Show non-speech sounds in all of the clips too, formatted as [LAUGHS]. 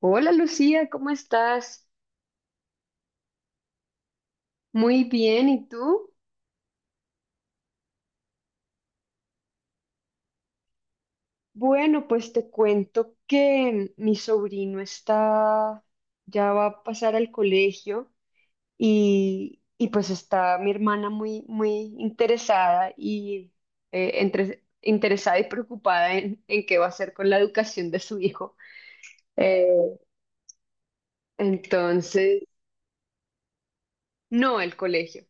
Hola Lucía, ¿cómo estás? Muy bien, ¿y tú? Bueno, pues te cuento que mi sobrino ya va a pasar al colegio y pues está mi hermana muy, muy interesada y entre, interesada y preocupada en qué va a hacer con la educación de su hijo. Eh, entonces, no el colegio.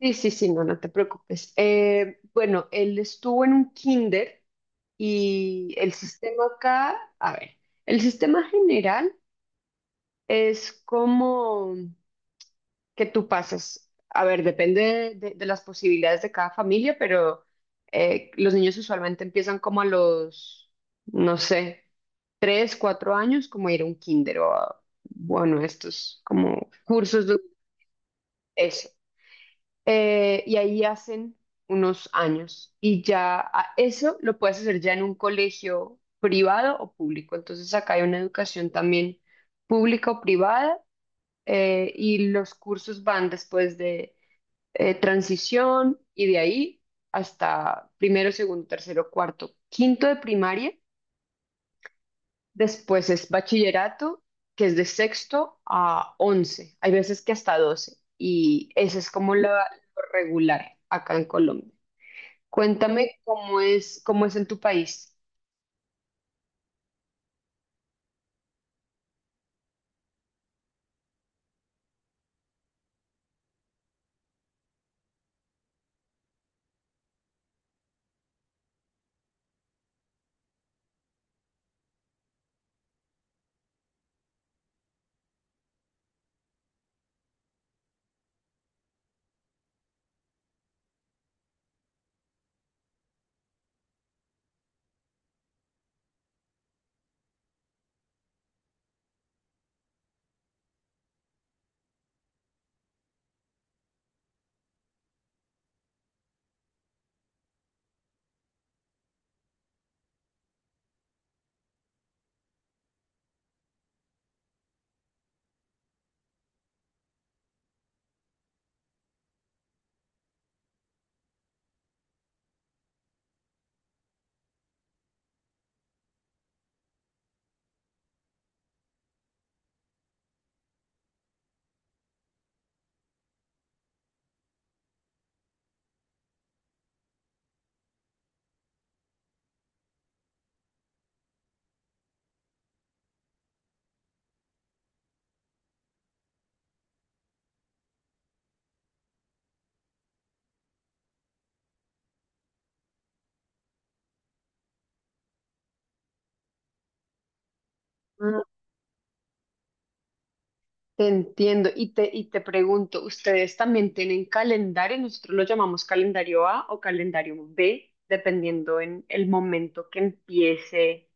Sí, sí, sí, no, no te preocupes. Bueno, él estuvo en un kinder. Y el sistema acá, a ver, el sistema general es como que tú pasas, a ver, depende de las posibilidades de cada familia, pero los niños usualmente empiezan como a los, no sé, 3, 4 años, como ir a un kinder o a, bueno, estos como cursos de eso. Y ahí hacen unos años. Y ya eso lo puedes hacer ya en un colegio privado o público. Entonces acá hay una educación también pública o privada, y los cursos van después de transición y de ahí hasta primero, segundo, tercero, cuarto, quinto de primaria. Después es bachillerato, que es de sexto a 11. Hay veces que hasta 12. Y ese es como lo regular acá en Colombia. Cuéntame cómo es en tu país. Mm. Te entiendo y te pregunto, ¿ustedes también tienen calendario? Nosotros lo llamamos calendario A o calendario B, dependiendo en el momento que empiece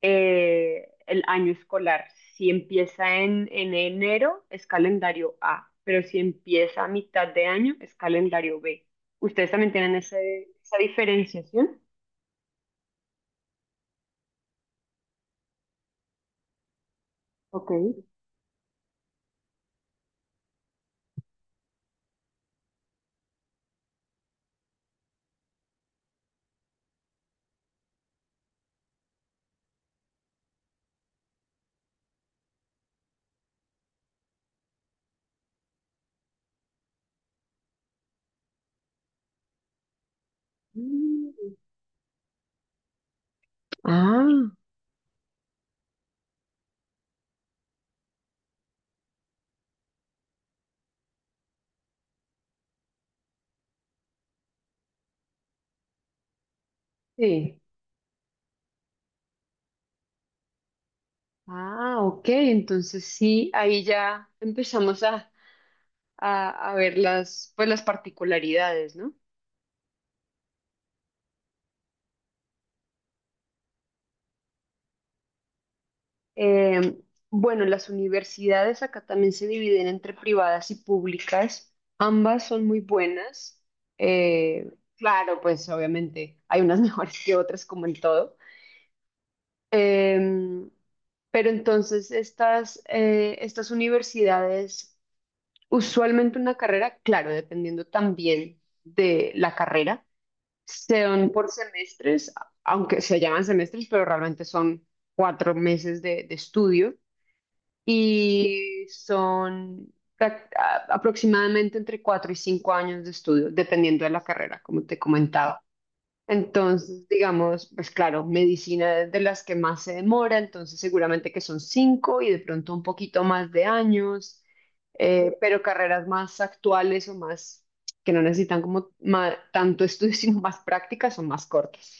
el año escolar. Si empieza en enero, es calendario A, pero si empieza a mitad de año, es calendario B. ¿Ustedes también tienen esa diferenciación? Ok. Mm. Ah. Sí. Ah, ok, entonces sí, ahí ya empezamos a ver las, pues las particularidades, ¿no? Eh, bueno, las universidades acá también se dividen entre privadas y públicas. Ambas son muy buenas. Eh, claro, pues obviamente hay unas [LAUGHS] mejores que otras, como en todo. Em, pero entonces estas universidades, usualmente una carrera, claro, dependiendo también de la carrera, son por semestres, aunque se llaman semestres, pero realmente son 4 meses de estudio y son aproximadamente entre 4 y 5 años de estudio, dependiendo de la carrera, como te comentaba. Entonces, digamos, pues claro, medicina es de las que más se demora, entonces seguramente que son cinco y de pronto un poquito más de años, pero carreras más actuales o más que no necesitan como tanto estudio, [LAUGHS] sino más prácticas son más cortas.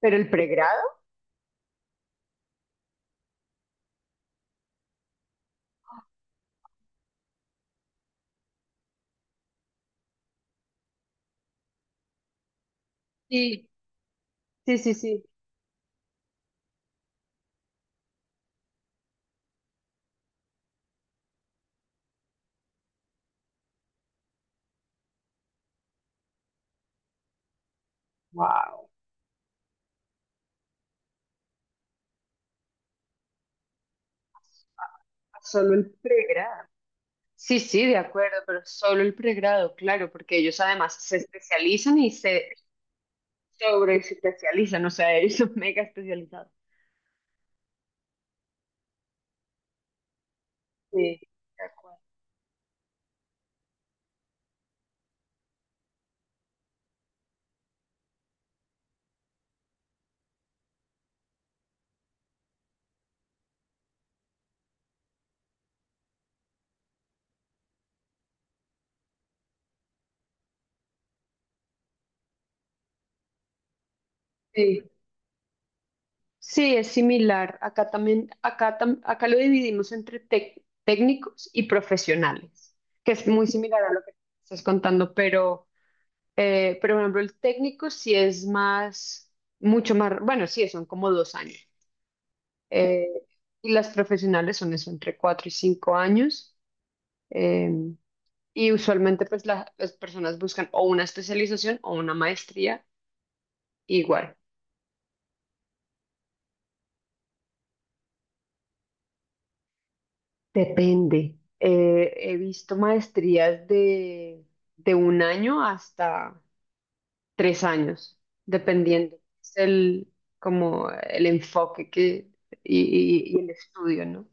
Pero el pregrado, sí, sí, sí, sí, wow, solo el pregrado. Sí, sí, de acuerdo, pero solo el pregrado, claro, porque ellos además se especializan y se sobre especializan, o sea, [LAUGHS] ellos son mega especializados. Sí, de acuerdo. Sí, sí, es similar. Acá también, acá lo dividimos entre técnicos y profesionales, que es muy similar a lo que estás contando, pero por ejemplo, el técnico sí es más, mucho más, bueno, sí, son como 2 años. Eh, y las profesionales son eso, entre 4 y 5 años. eh, y usualmente pues las personas buscan o una especialización o una maestría igual. Depende. He visto maestrías de un año hasta 3 años, dependiendo. Es el, como el enfoque que, y el estudio, ¿no?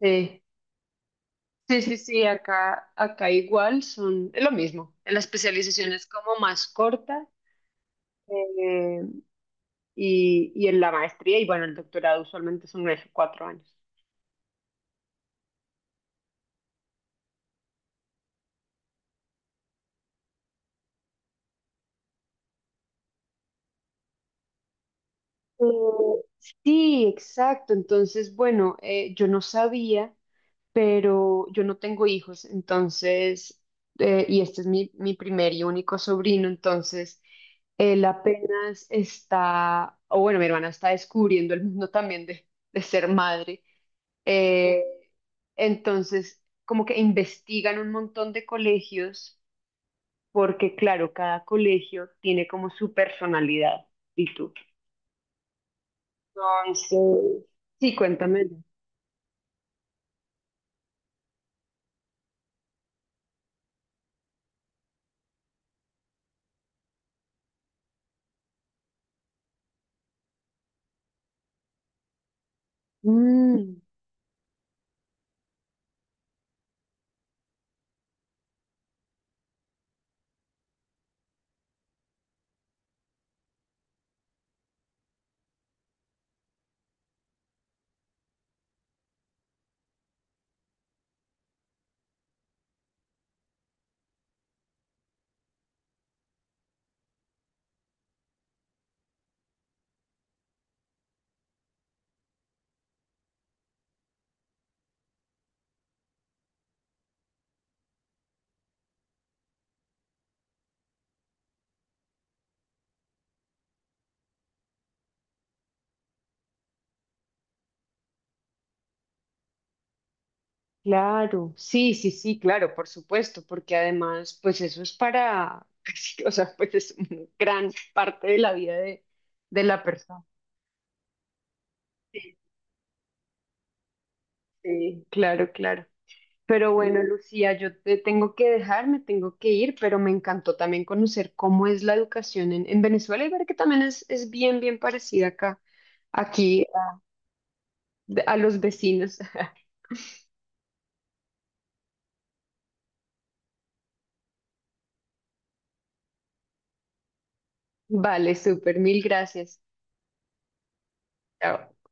Sí, sí, sí, sí, acá, igual son es lo mismo. En la especialización es como más corta, eh, y en la maestría y bueno, el doctorado usualmente son unos 4 años. Eh, Sí, exacto. Entonces, bueno, yo no sabía, pero yo no tengo hijos, entonces, y este es mi primer y único sobrino, entonces, él apenas está, o bueno, mi hermana está descubriendo el mundo también de ser madre, eh, entonces, como que investigan un montón de colegios, porque claro, cada colegio tiene como su personalidad, y tú. Entonces, sí, cuéntame. Mm. Claro, sí, sí, sí, claro, por supuesto, porque además, pues eso es para, [LAUGHS] casi, o sea, pues es una gran parte de la vida de la persona. Sí, sí, claro, claro. Pero bueno, Lucía, yo te tengo que dejar, me tengo que ir, pero me encantó también conocer cómo es la educación en Venezuela y ver que también es bien, bien parecida acá, aquí, a los vecinos. [LAUGHS] Vale, súper, mil gracias. Chao.